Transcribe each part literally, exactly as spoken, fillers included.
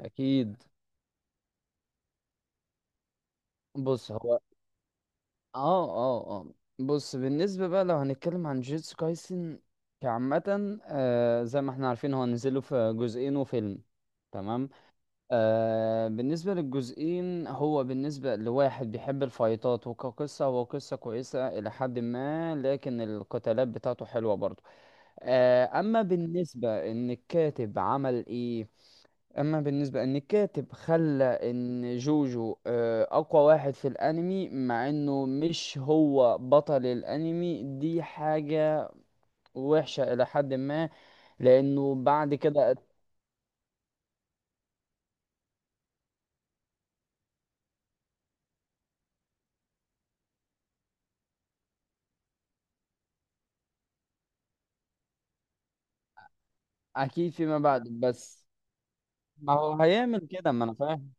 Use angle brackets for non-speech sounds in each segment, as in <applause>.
اكيد. بص هو اه اه اه بص بالنسبه بقى لو هنتكلم عن جيتسو كايسن كعامه، آه زي ما احنا عارفين هو نزله في جزئين وفيلم، تمام. آه بالنسبه للجزئين، هو بالنسبه لواحد بيحب الفايتات وكقصه هو قصه كويسه الى حد ما، لكن القتالات بتاعته حلوه برضه. آه اما بالنسبه ان الكاتب عمل ايه، اما بالنسبه ان الكاتب خلى ان جوجو آه، اقوى واحد في الانمي مع انه مش هو بطل الانمي، دي حاجه وحشه الى حد ما لانه بعد كده اكيد فيما بعد. بس ما هو هيعمل كده، ما انا فاهم.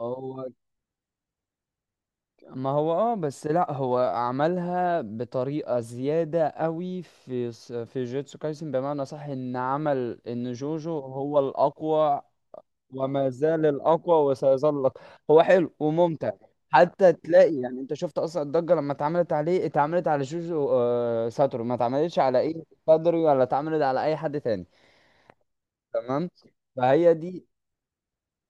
هو ما هو اه بس لا هو عملها بطريقة زيادة قوي في س- في جوتسو كايسن، بمعنى صح ان عمل ان جوجو هو الاقوى، وما زال الأقوى، وسيظل الأقوى. هو حلو وممتع. حتى تلاقي يعني انت شفت اصلا الضجه لما اتعملت عليه، اتعملت على جوجو آه، ساتورو، ما اتعملتش على ايه بدري، ولا اتعملت على اي حد تاني. تمام. فهي دي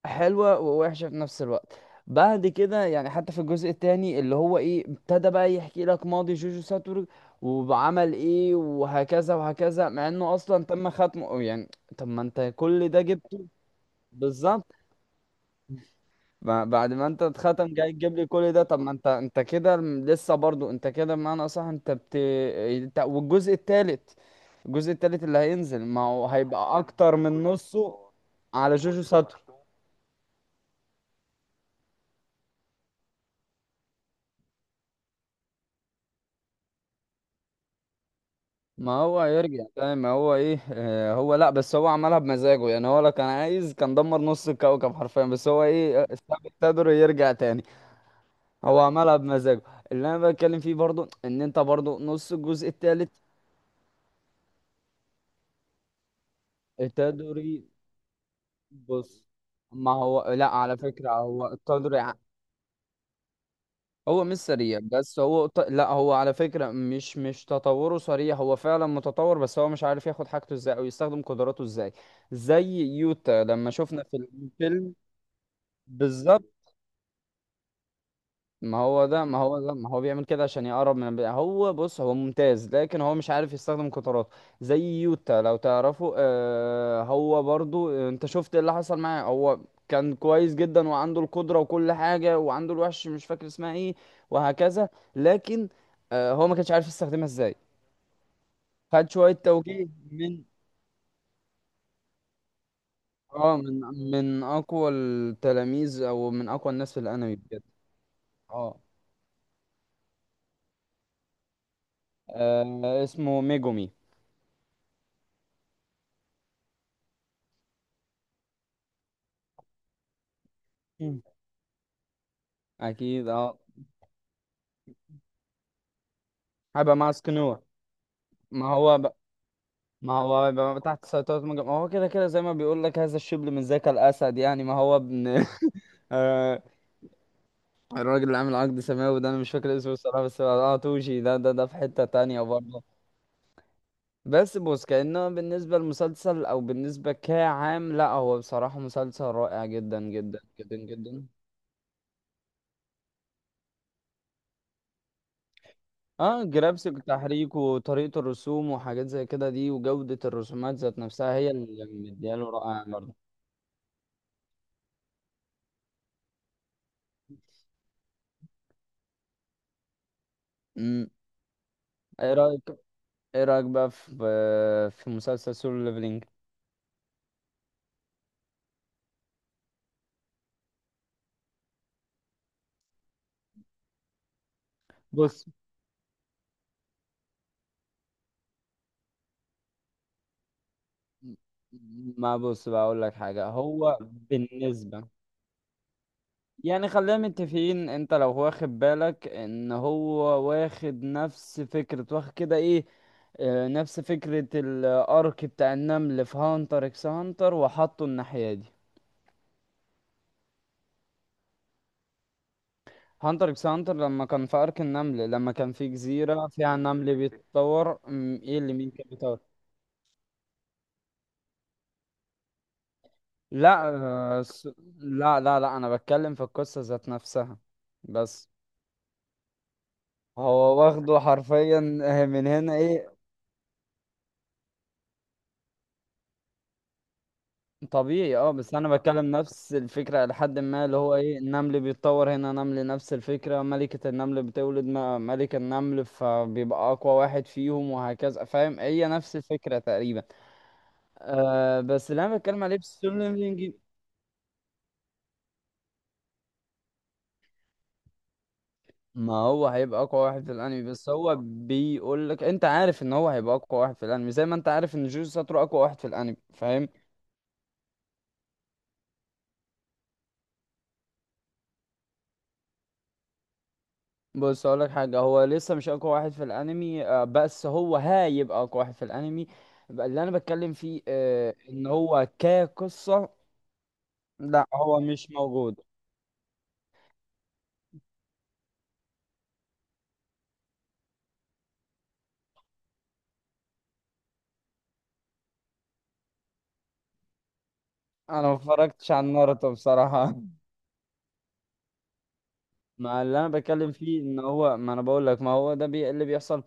حلوه ووحشه في نفس الوقت. بعد كده يعني حتى في الجزء التاني اللي هو ايه ابتدى بقى يحكي لك ماضي جوجو ساتورو وعمل ايه وهكذا وهكذا، مع انه اصلا تم ختمه يعني. طب ما انت كل ده جبته؟ بالظبط. ما- بعد ما انت اتختم جاي تجيب لي كل ده؟ طب ما انت انت كده لسه برضو انت كده، بمعنى اصح انت بت انت والجزء التالت. الجزء التالت اللي هينزل ما هو هيبقى اكتر من نصه على جوجو ساتر. ما هو هيرجع تاني. ما هو ايه اه هو لا بس هو عملها بمزاجه يعني، هو لو كان عايز كان دمر نص الكوكب حرفيا، بس هو ايه، آه، ساب التدر يرجع تاني. هو عملها بمزاجه. اللي انا بتكلم فيه برضو ان انت برضو نص الجزء التالت. تدري، بص، ما هو لا على فكرة هو التطور يع- هو مش سريع، بس هو ط- لا هو على فكرة مش مش تطوره سريع، هو فعلا متطور بس هو مش عارف ياخد حاجته ازاي او يستخدم قدراته ازاي. زي يوتا لما شفنا في الفيلم، بالظبط. ما هو ده ما هو ده ما هو بيعمل كده عشان يقرب من الب- هو بص هو ممتاز، لكن هو مش عارف يستخدم قطاراته. زي يوتا لو تعرفه، آه هو برضو، آه، انت شفت إيه اللي حصل معاه. هو كان كويس جدا وعنده القدرة وكل حاجة، وعنده الوحش مش فاكر اسمها ايه، وهكذا. لكن آه هو ما كانش عارف يستخدمها ازاي. خد شوية توجيه من، اه، من من اقوى التلاميذ او من اقوى الناس في الانمي بجد. اه، آه، اسمه ميجومي. مم. اكيد اه. هيبقى مع سكنور. ما هو ب... ما هو هيبقى تحت سيطرة مجمع، ما هو كده كده زي ما بيقول لك هذا الشبل من ذاك الأسد يعني، ما هو ابن. <laughs> آه، الراجل اللي عامل عقد سماوي ده أنا مش فاكر اسمه الصراحة، بس اه توشي ده ده ده في حتة تانية برضه. بس بص كأنه بالنسبة للمسلسل أو بالنسبة كعام، لا هو بصراحة مسلسل رائع جدا جدا جدا جدا. اه جرافيك، تحريك، وطريقة الرسوم وحاجات زي كده، دي وجودة الرسومات ذات نفسها هي اللي مدياله رائع برضه. امم. ايه رأيك، ايه رأيك بقى في في مسلسل سولو ليفلينج؟ بص، ما بص بقى اقول لك حاجة، هو بالنسبة، يعني خلينا متفقين انت لو واخد بالك ان هو واخد نفس فكرة، واخد كده ايه، آه، نفس فكرة الارك بتاع النمل في هانتر اكس هانتر وحطه الناحية دي. هانتر اكس هانتر لما كان في ارك النمل، لما كان في جزيرة فيها نمل بيتطور، م، ايه اللي مين كان بيتطور. لا، آه، س- لا لا لا انا بتكلم في القصة ذات نفسها، بس هو واخده حرفيا <laughs> من هنا ايه. طبيعي اه، بس انا بتكلم نفس الفكرة لحد ما اللي هو ايه النمل بيتطور، هنا نمل نفس الفكرة، ملكة النمل بتولد م- ملك النمل، فبيبقى اقوى واحد فيهم وهكذا، فاهم، هي نفس الفكرة تقريبا. أه بس اللي انا بتكلم عليه بالسولو ليفلنج، ما هو هيبقى اقوى واحد في الانمي، بس هو بيقول لك انت عارف ان هو هيبقى اقوى واحد في الانمي، زي ما انت عارف ان جوجوتسو ساتورو اقوى واحد في الانمي، فاهم. بص اقول لك حاجه، هو لسه مش اقوى واحد في الانمي، آه، بس هو هيبقى اقوى واحد في الانمي. بقى اللي انا بتكلم فيه، آه، ان هو كقصه لا هو مش موجود. انا ما اتفرجتش على ناروتو بصراحه. ما اللي انا بتكلم فيه ان هو، ما انا بقول لك، ما هو ده بي... اللي بيحصل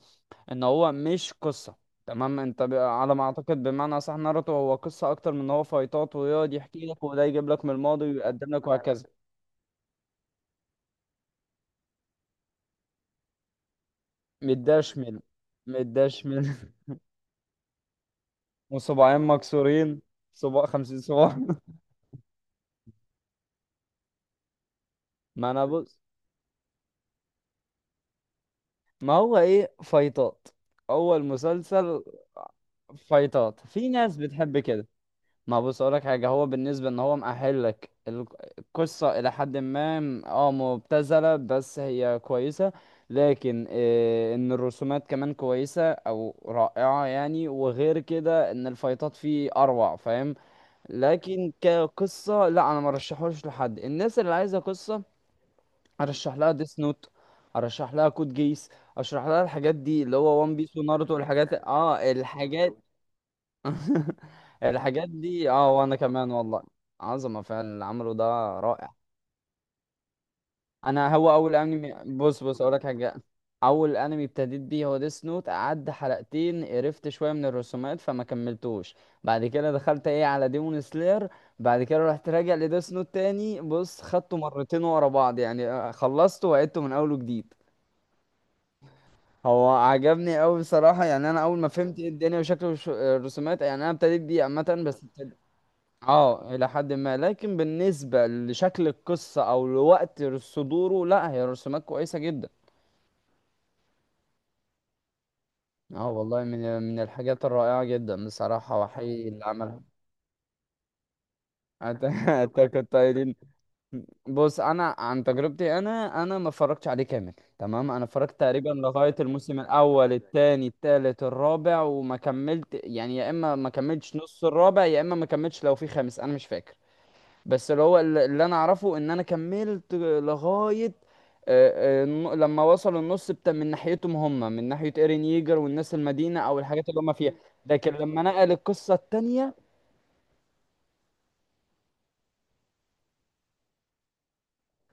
ان هو مش قصه. تمام. انت ب... على ما اعتقد بمعنى صح ناروتو هو قصه اكتر من ان هو فايتات، ويقعد يحكي لك وده يجيب لك من الماضي ويقدم لك وهكذا. مداش من. مداش من. <laughs> وصباعين مكسورين. صباع، خمسين صباع. <laughs> ما انا بص، ما هو ايه فايتات، اول مسلسل فايتات، في ناس بتحب كده. ما بص اقولك حاجه، هو بالنسبه ان هو مأهلك ال- القصه الى حد ما، م- اه مبتذله بس هي كويسه، لكن آه، ان الرسومات كمان كويسه او رائعه يعني، وغير كده ان الفايتات فيه اروع، فاهم. لكن كقصه لا، انا ما رشحوش لحد الناس اللي عايزه قصه. ارشح لها ديس نوت، ارشح لها كود جيس، اشرح لها الحاجات دي اللي هو وان بيس وناروتو والحاجات، اه الحاجات. <laughs> الحاجات دي اه، وانا كمان والله عظمه فعلا اللي عمله ده، رائع. انا هو اول انمي بص بص اقول لك حاجه، اول انمي ابتديت بيه هو ديس نوت، قعد حلقتين قرفت شويه من الرسومات فما كملتوش. بعد كده دخلت ايه على ديمون سلاير. بعد كده رحت راجع لديس نوت تاني، بص خدته مرتين ورا بعض يعني، آه، خلصته وعدته من اول وجديد. هو عجبني قوي بصراحه يعني، انا اول ما فهمت ايه الدنيا وشكل الش- الرسومات يعني، انا ابتديت بيه عامه بس. اه الى حد ما، لكن بالنسبه لشكل القصه او لوقت صدوره لا هي رسومات كويسه جدا. اه والله من من الحاجات الرائعه جدا بصراحه وحقيقي اللي عملها. أت- <laughs> اتاك التايرين. بص انا عن تجربتي، انا انا ما اتفرجتش عليه كامل. تمام، انا اتفرجت تقريبا لغايه الموسم الاول الثاني الثالث الرابع وما كملت يعني، يا اما ما كملتش نص الرابع، يا اما ما كملتش، لو في خامس انا مش فاكر. بس اللي هو الل- اللي انا اعرفه ان انا كملت لغاية، آه، آه، الن- لما وصلوا النص بتاع من ناحيتهم هم، من ناحية ايرين ييجر والناس المدينة او الحاجات اللي هم فيها. لكن لما نقل القصة التانية،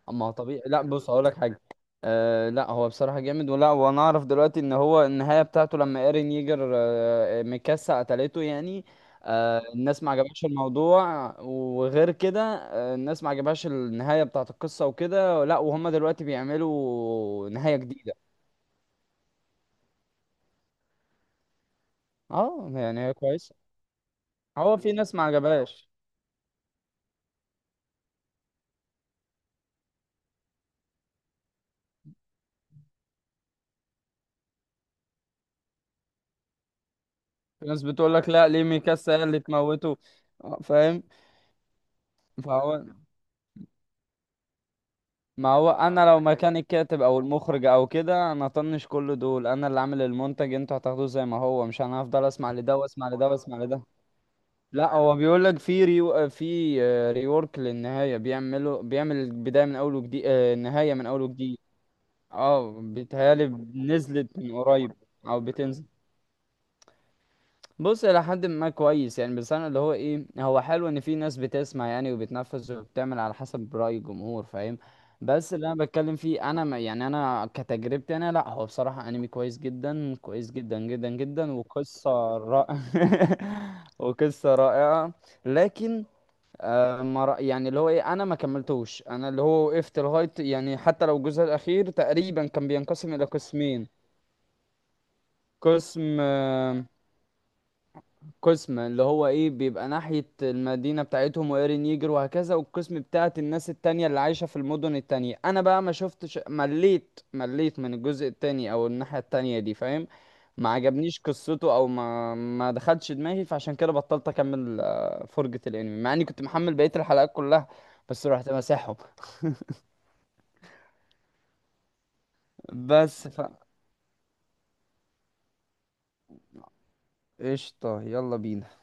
اما هو طبيعي. لا بص هقول لك حاجه، أه لا هو بصراحه جامد ولا، وانا اعرف دلوقتي ان هو النهايه بتاعته لما ايرين ييجر، أه، ميكاسا قتلته يعني. أه الناس ما عجبهاش الموضوع، وغير كده أه الناس ما عجبهاش النهايه بتاعه القصه وكده، لا وهم دلوقتي بيعملوا نهايه جديده. اه يعني هي كويسه. هو في ناس ما عجبهاش، في ناس بتقول لك لا ليه ميكاسا هي اللي تموته، آه، فاهم. فهو، ما هو انا لو مكان الكاتب او المخرج او كده انا طنش كل دول، انا اللي عامل المنتج انتوا هتاخدوه زي ما هو، مش انا هفضل اسمع لده واسمع لده واسمع لده. لا هو بيقول لك في ريو... في آه، ريورك للنهايه بيعملوا، بيعمل البدايه من اول وجديد، آه، النهايه من اول وجديد. اه بيتهيالي نزلت من قريب او بتنزل. بص الى حد ما كويس يعني، بس انا اللي هو ايه، هو حلو ان في ناس بتسمع يعني وبتنفذ وبتعمل على حسب رأي الجمهور، فاهم. بس اللي انا بتكلم فيه انا، ما يعني انا كتجربتي انا، لا هو بصراحة انمي كويس جدا كويس جدا جدا جدا، وقصة رائعة <laughs> وقصة رائعة. لكن آه ما رأ... يعني اللي هو ايه انا ما كملتوش، انا اللي هو وقفت لغاية يعني، حتى لو الجزء الاخير تقريبا كان بينقسم الى قسمين، قسم آه، قسم اللي هو ايه بيبقى ناحية المدينة بتاعتهم وإيرين ييجر وهكذا، والقسم بتاعت الناس التانية اللي عايشة في المدن التانية انا بقى ما شفتش، مليت، مليت من الجزء التاني او الناحية التانية دي، فاهم. ما عجبنيش قصته، او ما ما دخلش دماغي، فعشان كده بطلت اكمل آه، فرجة الانمي مع اني كنت محمل بقية الحلقات كلها، بس رحت مسحهم. بس ف قشطة، يلا بينا.